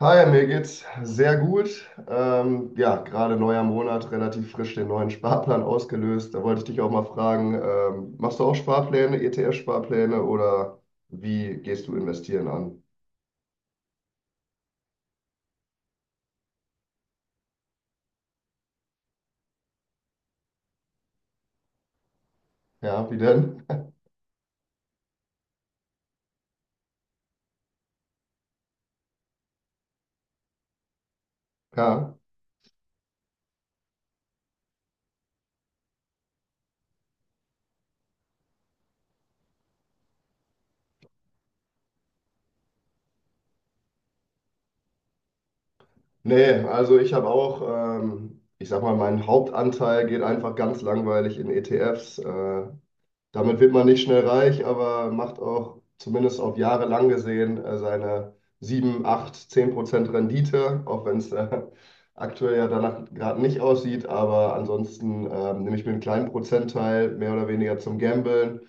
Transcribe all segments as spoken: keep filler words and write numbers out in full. Hi, mir geht's sehr gut. Ähm, ja, Gerade neuer Monat, relativ frisch den neuen Sparplan ausgelöst. Da wollte ich dich auch mal fragen, ähm, machst du auch Sparpläne, E T F-Sparpläne oder wie gehst du investieren an? Ja, wie denn? Ja, nee, also ich habe auch, ähm, ich sag mal, mein Hauptanteil geht einfach ganz langweilig in E T Fs. Äh, Damit wird man nicht schnell reich, aber macht auch zumindest auf Jahre lang gesehen äh, seine sieben, acht, zehn Prozent Rendite, auch wenn es äh, aktuell ja danach gerade nicht aussieht. Aber ansonsten ähm, nehme ich mir einen kleinen Prozentteil mehr oder weniger zum Gamblen,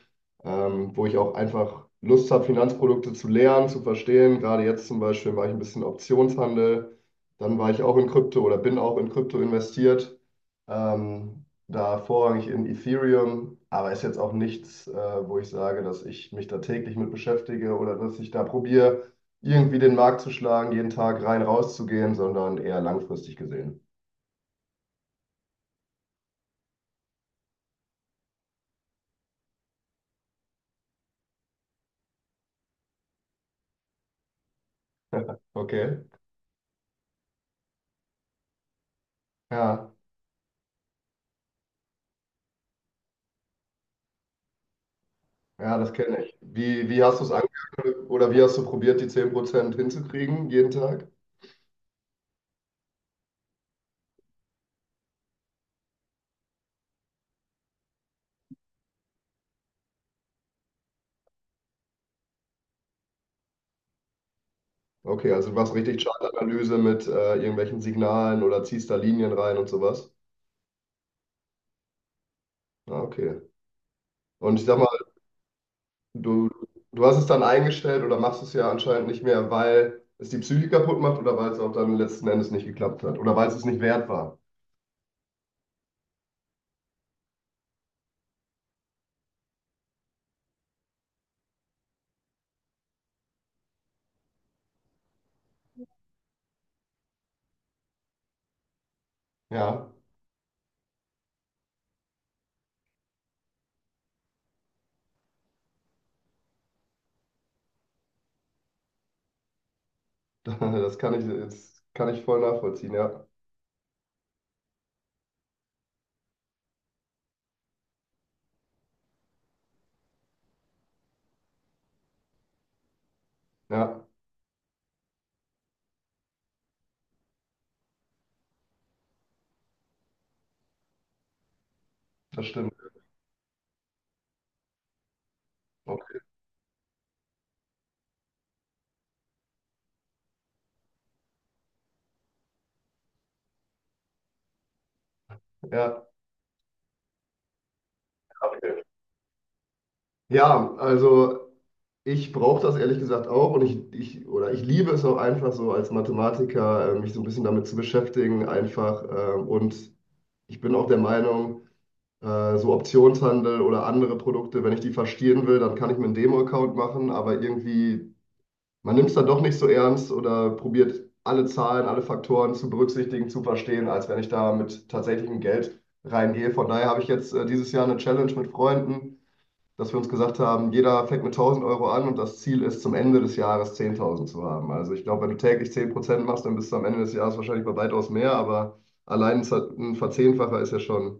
ähm, wo ich auch einfach Lust habe, Finanzprodukte zu lernen, zu verstehen. Gerade jetzt zum Beispiel war ich ein bisschen Optionshandel, dann war ich auch in Krypto oder bin auch in Krypto investiert. Ähm, Da vorrangig in Ethereum, aber ist jetzt auch nichts, äh, wo ich sage, dass ich mich da täglich mit beschäftige oder dass ich da probiere, irgendwie den Markt zu schlagen, jeden Tag rein rauszugehen, sondern eher langfristig gesehen. Okay, ja, ja, das kenne ich. Wie, wie hast du es angefangen oder wie hast du probiert, die zehn Prozent hinzukriegen jeden Tag? Okay, also du machst richtig Chartanalyse mit äh, irgendwelchen Signalen oder ziehst da Linien rein und sowas. Ah, okay. Und ich sag Du, du hast es dann eingestellt oder machst es ja anscheinend nicht mehr, weil es die Psyche kaputt macht oder weil es auch dann letzten Endes nicht geklappt hat oder weil es es nicht wert war. Ja, das kann ich jetzt kann ich voll nachvollziehen. Ja, ja, das stimmt. Okay. Ja, okay. Ja, also ich brauche das ehrlich gesagt auch und ich, ich oder ich liebe es auch einfach so als Mathematiker, äh, mich so ein bisschen damit zu beschäftigen einfach ähm, und ich bin auch der Meinung äh, so Optionshandel oder andere Produkte, wenn ich die verstehen will, dann kann ich mir einen Demo-Account machen, aber irgendwie, man nimmt es dann doch nicht so ernst oder probiert alle Zahlen, alle Faktoren zu berücksichtigen, zu verstehen, als wenn ich da mit tatsächlichem Geld reingehe. Von daher habe ich jetzt äh, dieses Jahr eine Challenge mit Freunden, dass wir uns gesagt haben, jeder fängt mit tausend Euro an und das Ziel ist, zum Ende des Jahres zehntausend zu haben. Also ich glaube, wenn du täglich zehn Prozent machst, dann bist du am Ende des Jahres wahrscheinlich bei weitaus mehr, aber allein ein Verzehnfacher ist ja schon,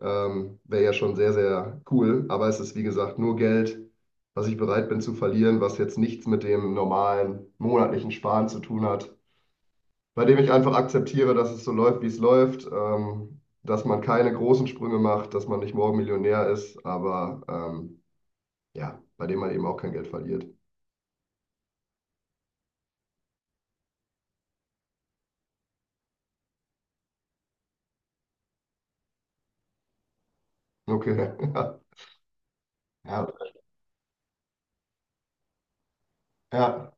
ähm, wäre ja schon sehr, sehr cool. Aber es ist, wie gesagt, nur Geld, was ich bereit bin zu verlieren, was jetzt nichts mit dem normalen monatlichen Sparen zu tun hat, bei dem ich einfach akzeptiere, dass es so läuft, wie es läuft. Ähm, dass man keine großen Sprünge macht, dass man nicht morgen Millionär ist, aber ähm, ja, bei dem man eben auch kein Geld verliert. Okay, ja, ja, ja,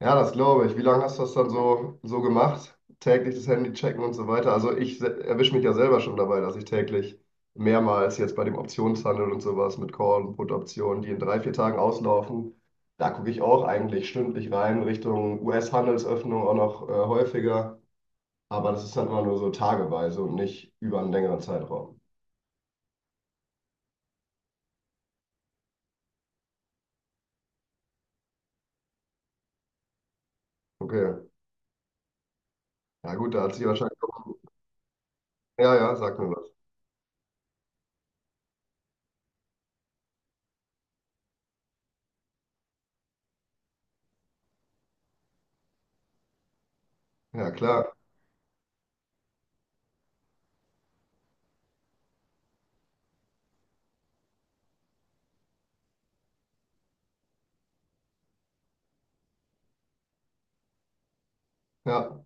ja, das glaube ich. Wie lange hast du das dann so, so gemacht? Täglich das Handy checken und so weiter. Also ich erwische mich ja selber schon dabei, dass ich täglich mehrmals jetzt bei dem Optionshandel und sowas mit Call- und Put-Optionen, die in drei, vier Tagen auslaufen, da gucke ich auch eigentlich stündlich rein, Richtung U S-Handelsöffnung auch noch äh, häufiger. Aber das ist dann immer nur so tageweise und nicht über einen längeren Zeitraum. Okay, ja gut, da hat sich wahrscheinlich auch... Ja, ja, sag mir was. Ja, klar. Ja.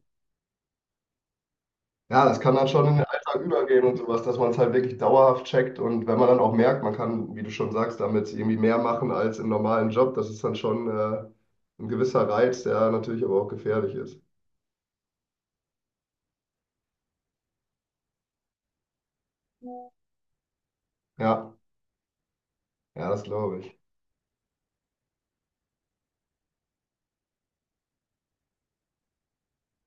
Ja, das kann dann schon in den Alltag übergehen und sowas, dass man es halt wirklich dauerhaft checkt. Und wenn man dann auch merkt, man kann, wie du schon sagst, damit irgendwie mehr machen als im normalen Job, das ist dann schon äh, ein gewisser Reiz, der natürlich aber auch gefährlich ist. Ja, ja, das glaube ich.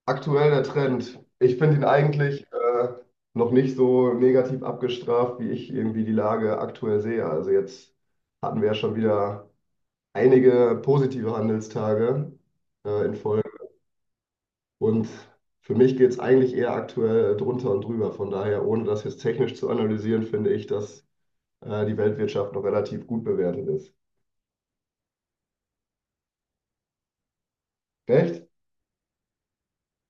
Aktuell der Trend. Ich finde ihn eigentlich äh, noch nicht so negativ abgestraft, wie ich irgendwie die Lage aktuell sehe. Also jetzt hatten wir ja schon wieder einige positive Handelstage äh, in Folge. Und für mich geht es eigentlich eher aktuell drunter und drüber. Von daher, ohne das jetzt technisch zu analysieren, finde ich, dass äh, die Weltwirtschaft noch relativ gut bewertet ist. Recht?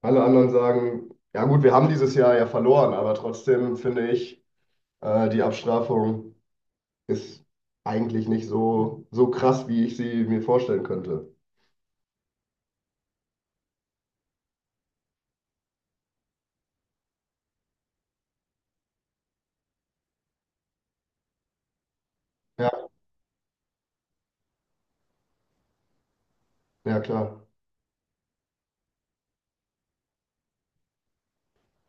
Alle anderen sagen, ja gut, wir haben dieses Jahr ja verloren, aber trotzdem finde ich, äh, die Abstrafung ist eigentlich nicht so, so krass, wie ich sie mir vorstellen könnte. Ja, ja klar.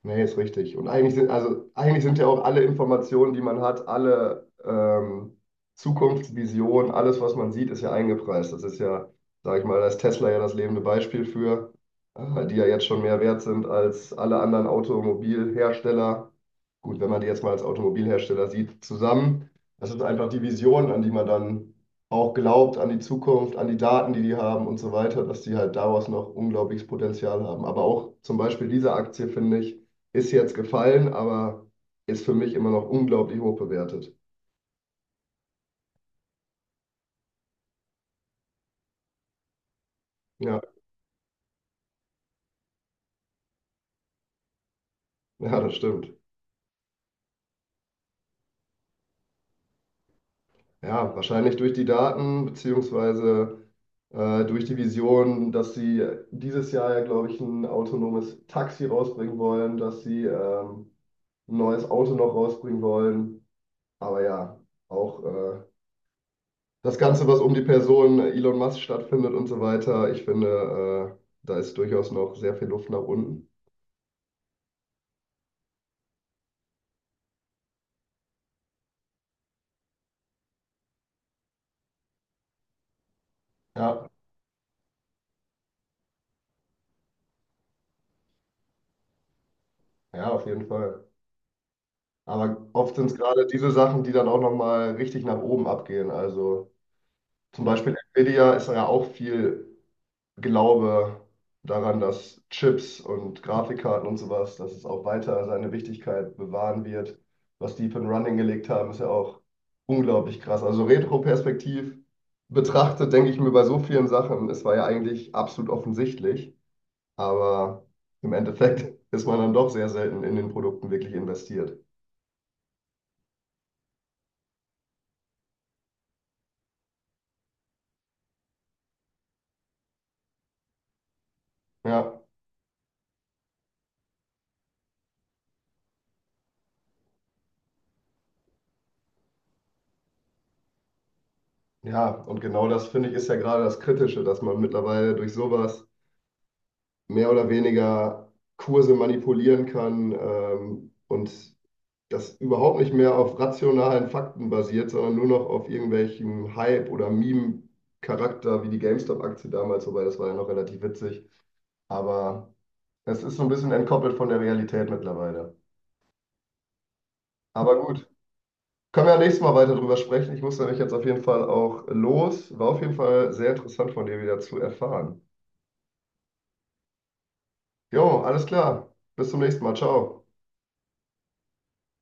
Nee, ist richtig. Und eigentlich sind, also, eigentlich sind ja auch alle Informationen, die man hat, alle ähm, Zukunftsvisionen, alles, was man sieht, ist ja eingepreist. Das ist ja, sage ich mal, da ist Tesla ja das lebende Beispiel für, äh, die ja jetzt schon mehr wert sind als alle anderen Automobilhersteller. Gut, wenn man die jetzt mal als Automobilhersteller sieht, zusammen. Das ist einfach die Vision, an die man dann auch glaubt, an die Zukunft, an die Daten, die die haben und so weiter, dass die halt daraus noch unglaubliches Potenzial haben. Aber auch zum Beispiel diese Aktie, finde ich, ist jetzt gefallen, aber ist für mich immer noch unglaublich hoch bewertet. Ja, ja, das stimmt. Ja, wahrscheinlich durch die Daten, beziehungsweise äh, durch die Vision, dass sie dieses Jahr ja, glaube ich, ein autonomes Taxi rausbringen wollen, dass sie ähm, ein neues Auto noch rausbringen wollen. Aber ja, auch äh, das Ganze, was um die Person Elon Musk stattfindet und so weiter, ich finde, äh, da ist durchaus noch sehr viel Luft nach unten. Ja, ja, auf jeden Fall. Aber oft sind es gerade diese Sachen, die dann auch nochmal richtig nach oben abgehen. Also zum Beispiel Nvidia ist ja auch viel Glaube daran, dass Chips und Grafikkarten und sowas, dass es auch weiter seine Wichtigkeit bewahren wird. Was die für ein Running gelegt haben, ist ja auch unglaublich krass. Also retroperspektiv betrachtet, denke ich mir bei so vielen Sachen, es war ja eigentlich absolut offensichtlich, aber im Endeffekt ist man dann doch sehr selten in den Produkten wirklich investiert. Ja. Ja, und genau das finde ich ist ja gerade das Kritische, dass man mittlerweile durch sowas mehr oder weniger Kurse manipulieren kann ähm, und das überhaupt nicht mehr auf rationalen Fakten basiert, sondern nur noch auf irgendwelchem Hype oder Meme-Charakter wie die GameStop-Aktie damals, wobei das war ja noch relativ witzig. Aber es ist so ein bisschen entkoppelt von der Realität mittlerweile. Aber gut, können wir ja nächstes Mal weiter drüber sprechen. Ich muss nämlich jetzt auf jeden Fall auch los. War auf jeden Fall sehr interessant von dir wieder zu erfahren. Jo, alles klar. Bis zum nächsten Mal. Ciao.